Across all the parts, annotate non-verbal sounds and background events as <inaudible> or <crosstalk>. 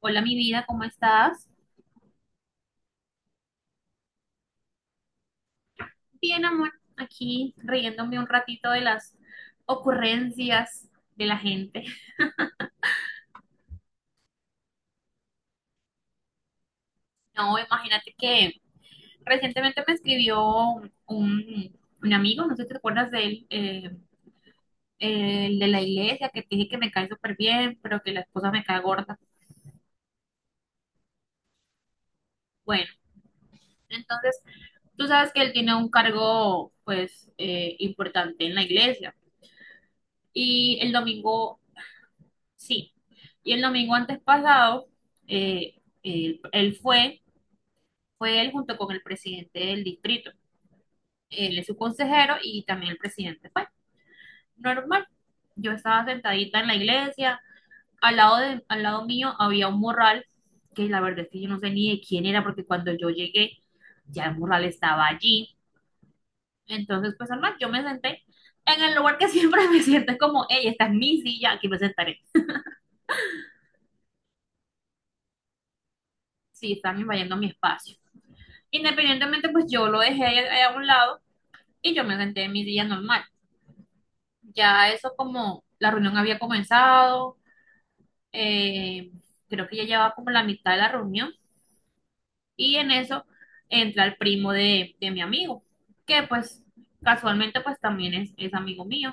Hola, mi vida, ¿cómo estás? Bien, amor, aquí riéndome un ratito de las ocurrencias de la gente. <laughs> No, imagínate que recientemente me escribió un amigo, no sé si te acuerdas de él, el de la iglesia, que te dije que me cae súper bien, pero que la esposa me cae gorda. Bueno, entonces tú sabes que él tiene un cargo, pues, importante en la iglesia. Y el domingo. Sí, y el domingo antes pasado, eh, él, él fue, fue él junto con el presidente del distrito. Él es su consejero y también el presidente fue. Normal. Yo estaba sentadita en la iglesia, al lado mío había un morral, que la verdad es que yo no sé ni de quién era, porque cuando yo llegué, ya el morral estaba allí. Entonces, pues normal, yo me senté en el lugar que siempre <laughs> me siento, es como, hey, esta es mi silla, aquí me sentaré. Sí, están invadiendo mi espacio. Independientemente, pues yo lo dejé ahí a un lado y yo me senté en mi día normal. Ya eso como la reunión había comenzado, eh, creo que ya llevaba como la mitad de la reunión y en eso entra el primo de mi amigo, que pues casualmente pues también es amigo mío.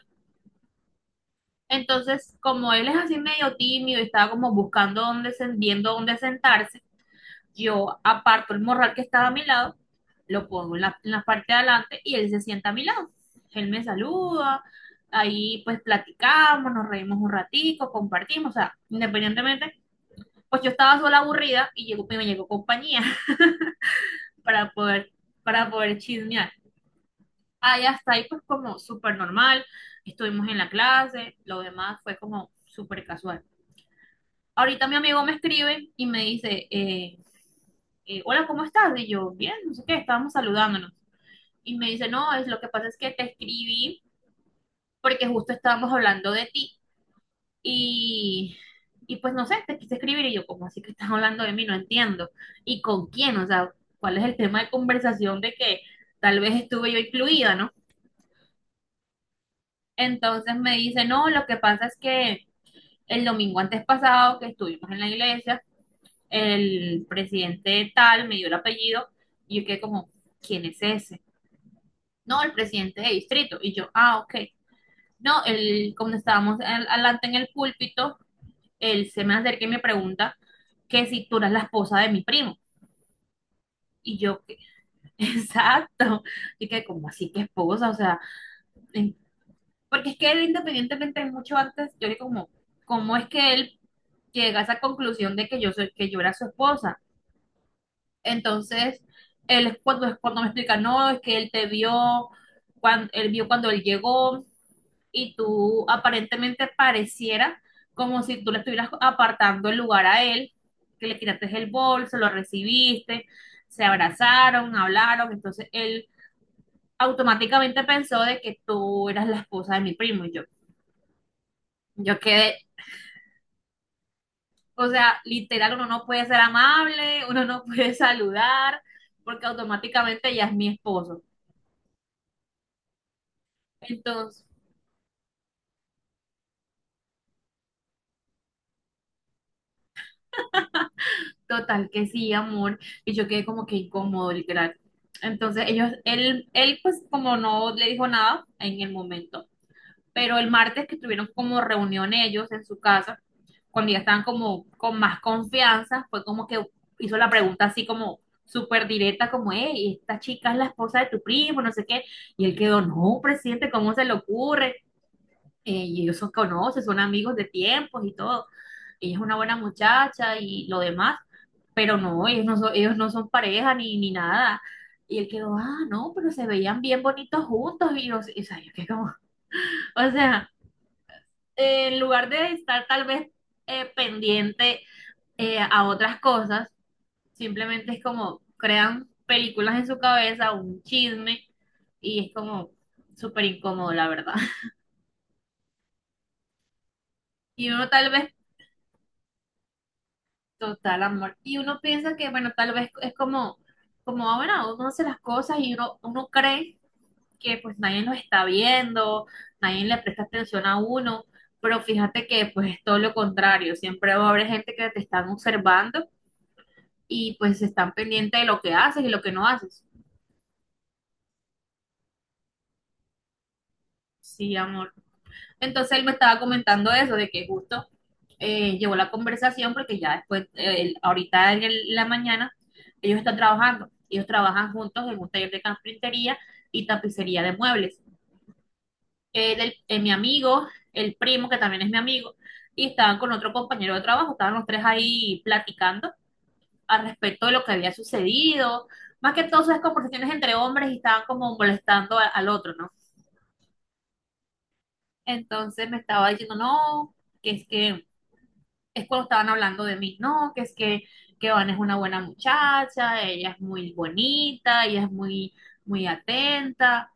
Entonces, como él es así medio tímido y estaba como buscando dónde, viendo dónde sentarse, yo aparto el morral que estaba a mi lado, lo pongo en en la parte de adelante y él se sienta a mi lado. Él me saluda, ahí pues platicamos, nos reímos un ratico, compartimos, o sea, independientemente, pues yo estaba sola aburrida y me llegó compañía. <laughs> para poder, para poder chismear. Ahí hasta ahí pues como súper normal, estuvimos en la clase, lo demás fue como súper casual. Ahorita mi amigo me escribe y me dice, hola, ¿cómo estás? Y yo, bien, no sé qué, estábamos saludándonos. Y me dice, no, es lo que pasa es que te escribí porque justo estábamos hablando de ti y, y pues no sé, te quise escribir y yo, ¿cómo así que estás hablando de mí? No entiendo. ¿Y con quién? O sea, ¿cuál es el tema de conversación de que tal vez estuve yo incluida, ¿no? Entonces me dice, no, lo que pasa es que el domingo antes pasado que estuvimos en la iglesia, el presidente tal me dio el apellido y yo quedé como, ¿quién es ese? No, el presidente de distrito. Y yo, ah, ok. No, él, como estábamos adelante en el púlpito, él se me acerca y me pregunta que si tú eras la esposa de mi primo. Y yo, ¿qué? <laughs> Exacto. Y que como así que esposa, o sea, en- porque es que él independientemente mucho antes, yo le como, ¿cómo es que él llega a esa conclusión de que yo soy, que yo era su esposa? Entonces, es cuando me explica, no, es que él te vio cuando él llegó y tú aparentemente pareciera como si tú le estuvieras apartando el lugar a él, que le tiraste el bolso, lo recibiste, se abrazaron, hablaron, entonces él automáticamente pensó de que tú eras la esposa de mi primo y yo quedé, o sea, literal, uno no puede ser amable, uno no puede saludar, porque automáticamente ya es mi esposo. Entonces, total que sí, amor. Y yo quedé como que incómodo, literal. Entonces él pues como no le dijo nada en el momento, pero el martes que tuvieron como reunión ellos en su casa, cuando ya estaban como con más confianza, fue como que hizo la pregunta así como súper directa, como, hey, esta chica es la esposa de tu primo, no sé qué. Y él quedó, no, presidente, ¿cómo se le ocurre? Y ellos son conocen, son amigos de tiempos y todo. Ella es una buena muchacha y lo demás, pero no, ellos no son pareja ni nada. Y él quedó, ah, no, pero se veían bien bonitos juntos. Y yo, y, o sea, yo quedé como, <laughs> o sea, en lugar de estar tal vez pendiente a otras cosas, simplemente es como crean películas en su cabeza, un chisme, y es como súper incómodo, la verdad. <laughs> Y uno tal vez, total amor, y uno piensa que, bueno, tal vez es como, como, ah, bueno, uno hace las cosas y uno cree que pues nadie los está viendo, nadie le presta atención a uno, pero fíjate que pues es todo lo contrario, siempre va a haber gente que te están observando y pues están pendientes de lo que haces y lo que no haces. Sí, amor. Entonces él me estaba comentando eso, de que justo llevó la conversación porque ya después, ahorita en la mañana, ellos están trabajando, ellos trabajan juntos en un taller de carpintería y tapicería de muebles. Mi amigo, el primo, que también es mi amigo, y estaban con otro compañero de trabajo, estaban los tres ahí platicando al respecto de lo que había sucedido, más que todas esas conversaciones entre hombres y estaban como molestando al otro, ¿no? Entonces me estaba diciendo, no, que es cuando estaban hablando de mí, no, que Van es una buena muchacha, ella es muy bonita, ella es muy, muy atenta,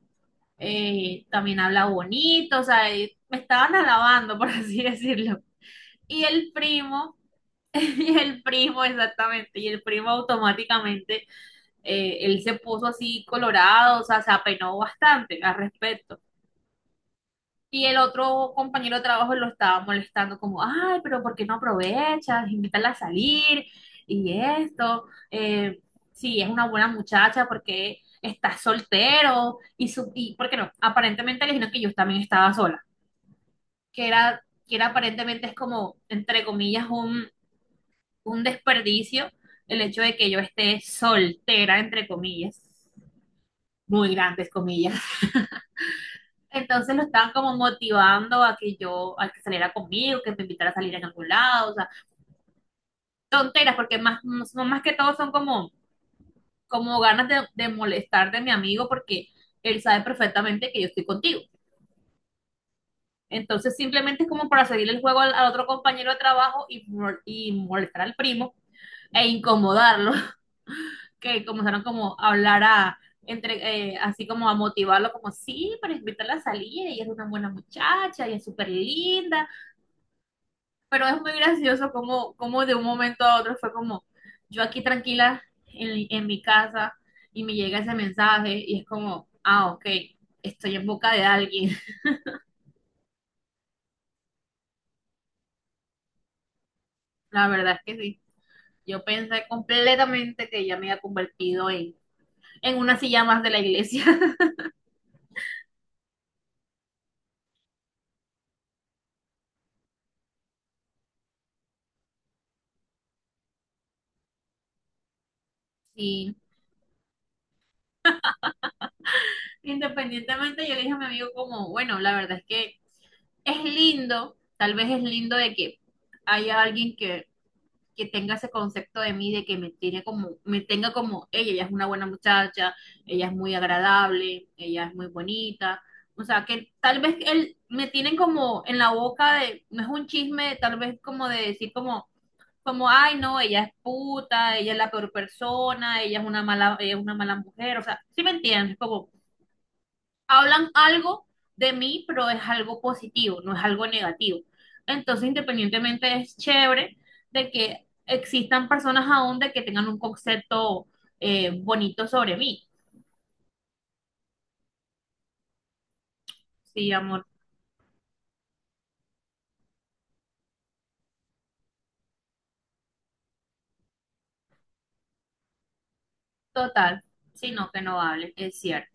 también habla bonito, o sea, y me estaban alabando, por así <laughs> decirlo. Y el primo, <laughs> y el primo exactamente, y el primo automáticamente, él se puso así colorado, o sea, se apenó bastante al respecto. Y el otro compañero de trabajo lo estaba molestando como, ay, pero ¿por qué no aprovechas? Invítala a salir y esto. Si es una buena muchacha, ¿porque estás soltero? Y, y ¿por qué no? Aparentemente le dijeron que yo también estaba sola, que era, que era aparentemente es como, entre comillas, un desperdicio el hecho de que yo esté soltera, entre comillas, muy grandes comillas. Entonces lo estaban como motivando a que yo, a que saliera conmigo, que me invitara a salir en algún lado, o sea, tonteras, más que todo son como, como ganas de molestar de mi amigo porque él sabe perfectamente que yo estoy contigo. Entonces simplemente es como para seguir el juego al otro compañero de trabajo y molestar al primo e incomodarlo. Que comenzaron como a hablar a, entre, así como a motivarlo, como sí, para invitarla a salir, ella es una buena muchacha, ella es súper linda, pero es muy gracioso como, como de un momento a otro fue como, yo aquí tranquila en mi casa y me llega ese mensaje y es como, ah, ok, estoy en boca de alguien. <laughs> La verdad es que sí. Yo pensé completamente que ella me había convertido en una silla más de la iglesia. <laughs> Sí. Independientemente, yo le dije a mi amigo como, bueno, la verdad es que es lindo, tal vez es lindo de que haya alguien que tenga ese concepto de mí, de que me tiene como, me tenga como ella es una buena muchacha, ella es muy agradable, ella es muy bonita. O sea, que tal vez él me tienen como en la boca de, no es un chisme, tal vez como de decir como, como, ay, no, ella es puta, ella es la peor persona, ella es una mala, ella es una mala mujer, o sea, ¿sí me entiendes? Como, hablan algo de mí, pero es algo positivo, no es algo negativo. Entonces, independientemente, es chévere de que existan personas aún de que tengan un concepto bonito sobre mí. Sí, amor, total, sino que no hable es cierto.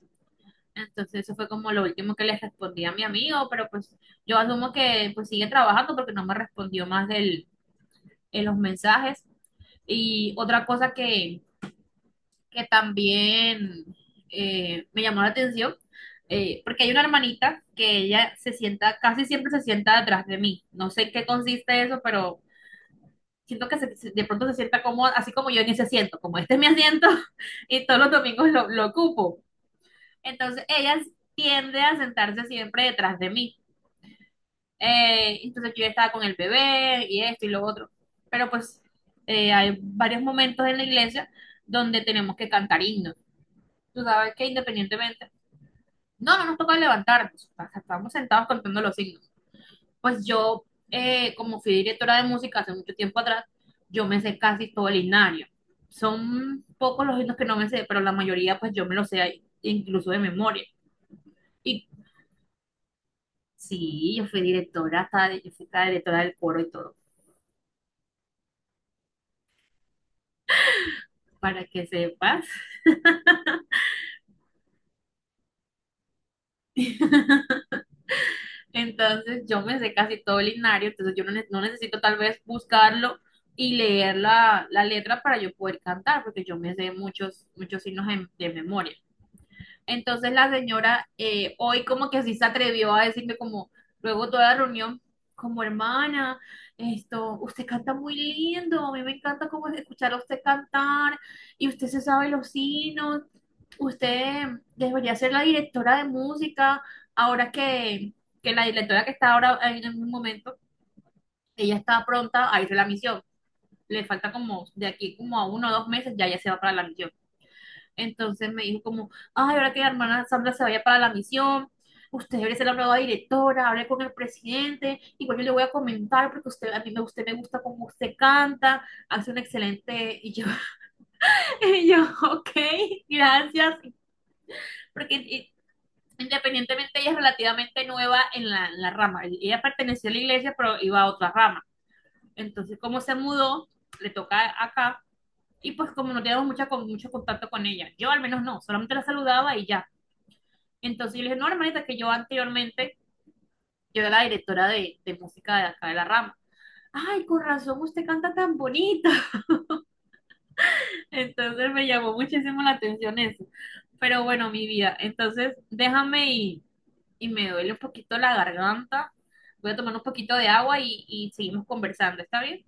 Entonces, eso fue como lo último que les respondí a mi amigo, pero pues yo asumo que pues sigue trabajando porque no me respondió más en los mensajes. Y otra cosa que también me llamó la atención, porque hay una hermanita que ella se sienta, casi siempre se sienta atrás de mí. No sé en qué consiste eso, pero siento que de pronto se sienta cómoda, así como yo en ese asiento, como este es mi asiento <laughs> y todos los domingos lo ocupo. Entonces ella tiende a sentarse siempre detrás de mí. Entonces yo ya estaba con el bebé y esto y lo otro. Pero pues hay varios momentos en la iglesia donde tenemos que cantar himnos. Tú sabes que independientemente, no nos toca levantarnos, o sea, estábamos sentados contando los signos. Pues yo, como fui directora de música hace mucho tiempo atrás, yo me sé casi todo el himnario. Son pocos los himnos que no me sé, pero la mayoría pues yo me los sé incluso de memoria. Y sí, yo fui hasta directora del coro y todo, para que sepas. <laughs> Entonces yo me sé casi todo el linario, entonces yo no, ne- no necesito tal vez buscarlo y leer la letra para yo poder cantar, porque yo me sé muchos, muchos signos de memoria. Entonces la señora hoy como que así se atrevió a decirme como luego toda la reunión, como hermana, esto, usted canta muy lindo, a mí me encanta como escuchar a usted cantar y usted se sabe los signos, usted debería ser la directora de música, ahora que la directora que está ahora en un momento, ella está pronta a irse a la misión, le falta como de aquí como a uno o dos meses, ya se va para la misión. Entonces me dijo como, ay, ahora que la hermana Sandra se vaya para la misión, usted debe ser la nueva directora, hable con el presidente, igual yo le voy a comentar porque usted, a mí me, usted me gusta cómo usted canta, hace un excelente, y yo, <laughs> y yo, ok, gracias, porque i- independientemente ella es relativamente nueva en en la rama, ella perteneció a la iglesia pero iba a otra rama, entonces como se mudó, le toca acá. Y pues como no teníamos mucha, mucho contacto con ella, yo al menos no, solamente la saludaba y ya. Entonces yo le dije, no, hermanita, que yo anteriormente, yo era la directora de música de acá de la rama. Ay, con razón, usted canta tan bonito. <laughs> Entonces me llamó muchísimo la atención eso. Pero bueno, mi vida, entonces déjame y me duele un poquito la garganta. Voy a tomar un poquito de agua y seguimos conversando, ¿está bien?